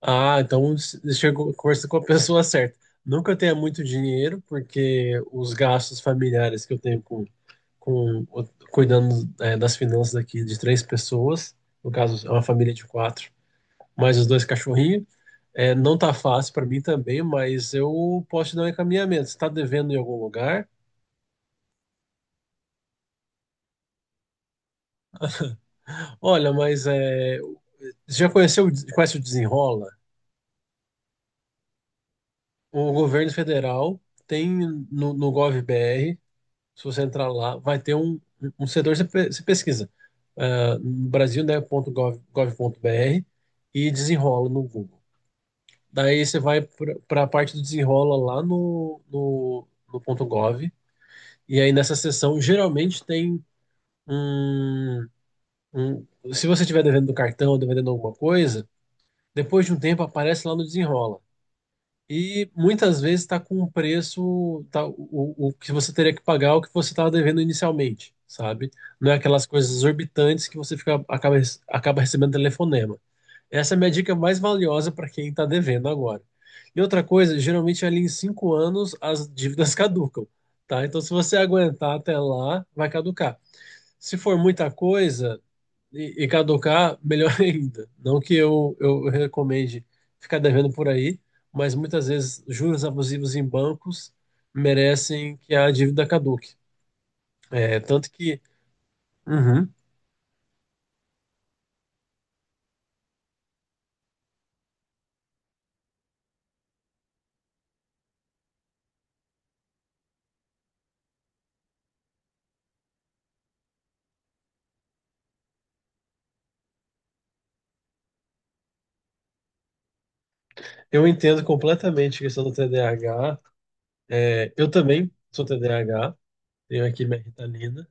Ah, então chegou, conversa com a pessoa certa. Não que eu tenha muito dinheiro, porque os gastos familiares que eu tenho com cuidando, das finanças aqui de três pessoas, no caso é uma família de quatro, mais os dois cachorrinhos. Não tá fácil para mim também, mas eu posso te dar um encaminhamento. Você tá devendo em algum lugar? Olha, você já conheceu, o des- conhece o Desenrola? O governo federal tem no gov.br. Se você entrar lá, vai ter um setor, você pesquisa, ah, no Brasil, né, ponto gov.br e desenrola no Google. Daí você vai para a parte do desenrola lá no ponto .gov, e aí nessa seção geralmente tem um, um- se você estiver devendo do cartão, devendo alguma coisa, depois de um tempo aparece lá no desenrola. E muitas vezes está com um preço, tá, o que você teria que pagar é o que você estava devendo inicialmente, sabe? Não é aquelas coisas exorbitantes que você fica, acaba recebendo telefonema. Essa é a minha dica mais valiosa para quem está devendo agora. E outra coisa, geralmente ali em 5 anos as dívidas caducam, tá? Então se você aguentar até lá, vai caducar se for muita coisa, e caducar, melhor ainda. Não que eu recomende ficar devendo por aí, mas muitas vezes juros abusivos em bancos merecem que a dívida caduque. É, tanto que... Uhum. Eu entendo completamente a questão do TDAH. É, eu também sou TDAH, tenho aqui minha Ritalina.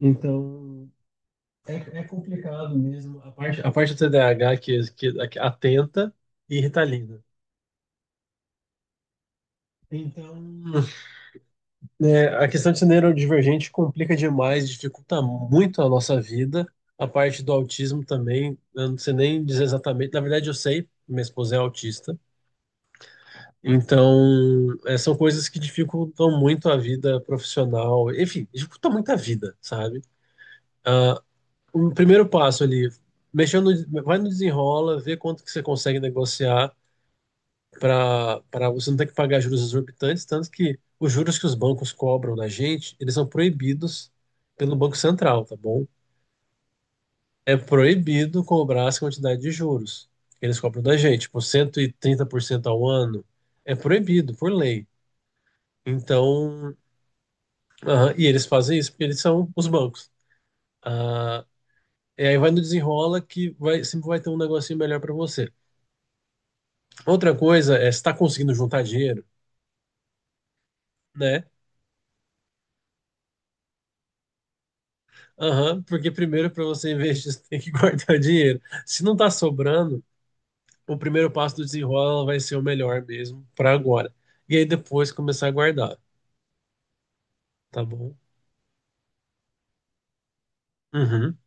Então, é complicado mesmo a parte do TDAH que atenta e Ritalina. Então, né, a questão de ser neurodivergente complica demais, dificulta muito a nossa vida. A parte do autismo também, eu não sei nem dizer exatamente. Na verdade, eu sei, minha esposa é autista. Então, é, são coisas que dificultam muito a vida profissional. Enfim, dificulta muito a vida, sabe? Ah, o primeiro passo ali, mexendo, vai no desenrola, vê quanto que você consegue negociar para você não ter que pagar juros exorbitantes, tanto que os juros que os bancos cobram da gente, eles são proibidos pelo Banco Central, tá bom? É proibido cobrar essa quantidade de juros que eles cobram da gente, tipo 130% ao ano, é proibido por lei. Então, aham, e eles fazem isso porque eles são os bancos. Ah, e aí vai no desenrola que vai, sempre vai ter um negocinho melhor para você. Outra coisa é se está conseguindo juntar dinheiro, né? Aham, porque primeiro para você investir, você tem que guardar dinheiro. Se não tá sobrando, o primeiro passo do desenrola vai ser o melhor mesmo para agora. E aí depois começar a guardar, tá bom? Uhum,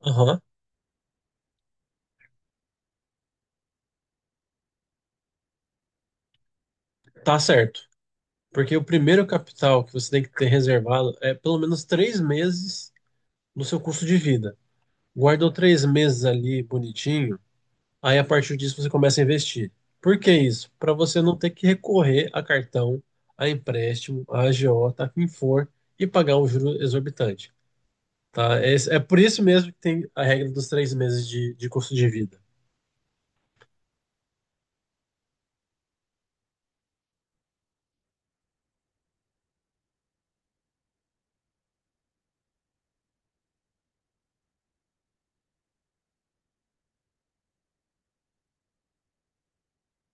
aham, tá certo. Porque o primeiro capital que você tem que ter reservado é pelo menos 3 meses do seu custo de vida. Guardou 3 meses ali bonitinho, aí a partir disso você começa a investir. Por que isso? Para você não ter que recorrer a cartão, a empréstimo, a agiota, a quem for, e pagar um juro exorbitante. Tá? É, é por isso mesmo que tem a regra dos 3 meses de custo de vida.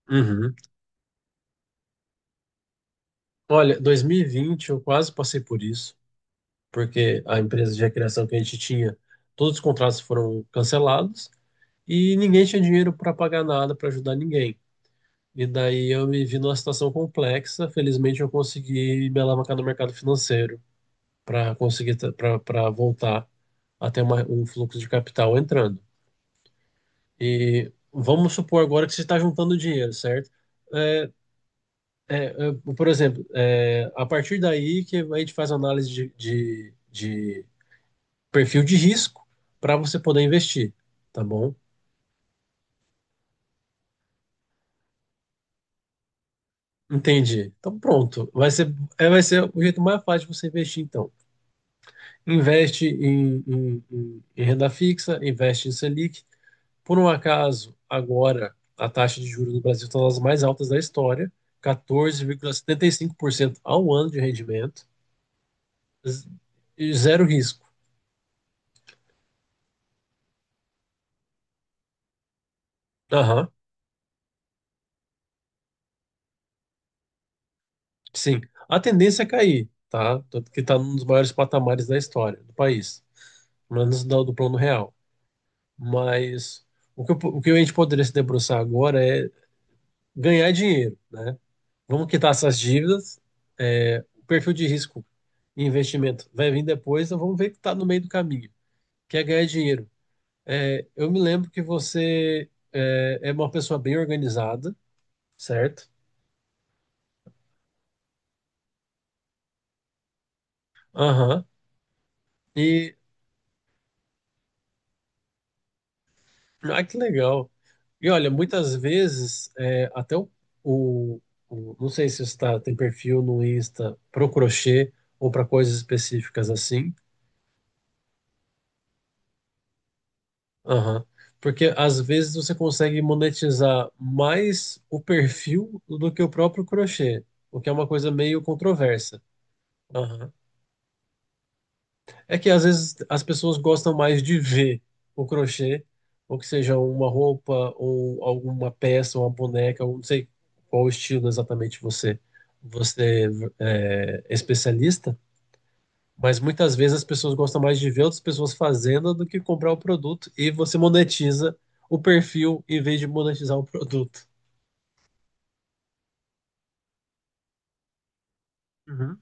Uhum. Olha, 2020 eu quase passei por isso, porque a empresa de recreação que a gente tinha, todos os contratos foram cancelados e ninguém tinha dinheiro para pagar nada, para ajudar ninguém. E daí eu me vi numa situação complexa. Felizmente eu consegui me alavancar no mercado financeiro para conseguir, para voltar a ter um fluxo de capital entrando. E vamos supor agora que você está juntando dinheiro, certo? É, é, por exemplo, é, a partir daí que a gente faz análise de perfil de risco para você poder investir, tá bom? Entendi. Então pronto. Vai ser o jeito mais fácil de você investir, então. Investe em, em renda fixa, investe em Selic. Por um acaso, agora a taxa de juros do Brasil está nas mais altas da história, 14,75% ao ano de rendimento, z- e zero risco. Aham, sim. A tendência é cair, tá? Tanto que está num dos maiores patamares da história do país, pelo menos do plano real. Mas o que a gente poderia se debruçar agora é ganhar dinheiro, né? Vamos quitar essas dívidas. É, o perfil de risco e investimento vai vir depois, então vamos ver que está no meio do caminho, que é ganhar dinheiro. É, eu me lembro que você é, é uma pessoa bem organizada, certo? Aham. E, ah, que legal. E olha, muitas vezes, é, até o, o- não sei se você tá, tem perfil no Insta para o crochê ou para coisas específicas assim. Aham. Porque às vezes você consegue monetizar mais o perfil do que o próprio crochê, o que é uma coisa meio controversa. Aham. É que às vezes as pessoas gostam mais de ver o crochê, ou que seja uma roupa, ou alguma peça, uma boneca, ou não sei qual estilo exatamente você, é, especialista. Mas muitas vezes as pessoas gostam mais de ver outras pessoas fazendo do que comprar o produto, e você monetiza o perfil em vez de monetizar o produto. Uhum.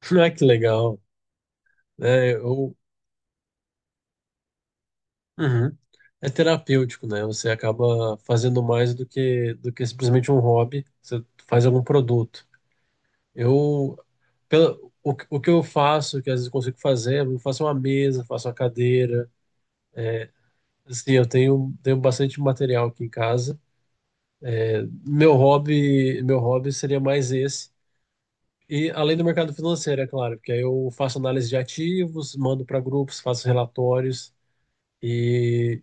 Ah, que legal. É, eu- Uhum. É terapêutico, né? Você acaba fazendo mais do que simplesmente um hobby, você faz algum produto. Eu, pela, o, que- O que eu faço, que às vezes eu consigo fazer, eu faço uma mesa, faço uma cadeira. Assim, eu tenho bastante material aqui em casa. Meu hobby seria mais esse. E além do mercado financeiro, é claro, porque aí eu faço análise de ativos, mando para grupos, faço relatórios e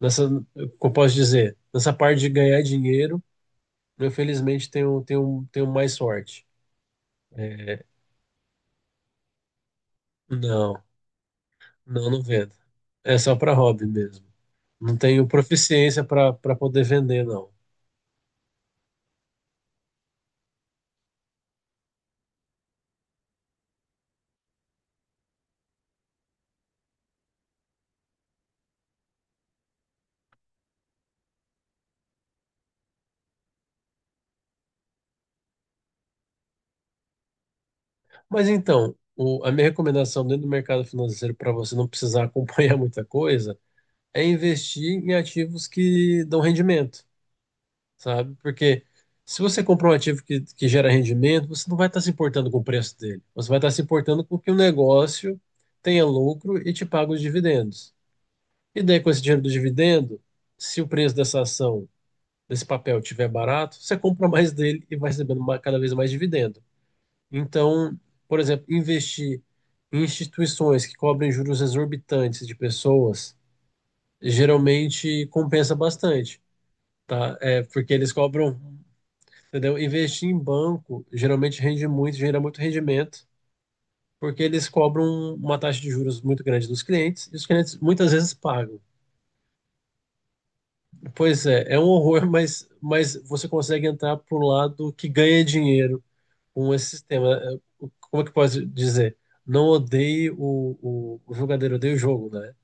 nessa, como eu posso dizer, nessa parte de ganhar dinheiro, eu felizmente tenho mais sorte. É, Não, não, não vendo. É só para hobby mesmo. Não tenho proficiência para poder vender, não. Mas então, a minha recomendação dentro do mercado financeiro para você não precisar acompanhar muita coisa é investir em ativos que dão rendimento. Sabe? Porque se você comprar um ativo que gera rendimento, você não vai estar se importando com o preço dele. Você vai estar se importando com que o negócio tenha lucro e te pague os dividendos. E daí, com esse dinheiro do dividendo, se o preço dessa ação, desse papel, tiver barato, você compra mais dele e vai recebendo ma- cada vez mais dividendo. Então, por exemplo, investir em instituições que cobrem juros exorbitantes de pessoas geralmente compensa bastante, tá? É porque eles cobram... Entendeu? Investir em banco geralmente rende muito, gera muito rendimento, porque eles cobram uma taxa de juros muito grande dos clientes, e os clientes muitas vezes pagam. Pois é, é um horror, mas você consegue entrar para o lado que ganha dinheiro com esse sistema. Como é que pode dizer? Não odeie o jogador, odeie o jogo, né?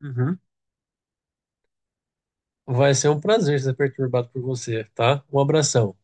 Uhum. Vai ser um prazer ser perturbado por você, tá? Um abração.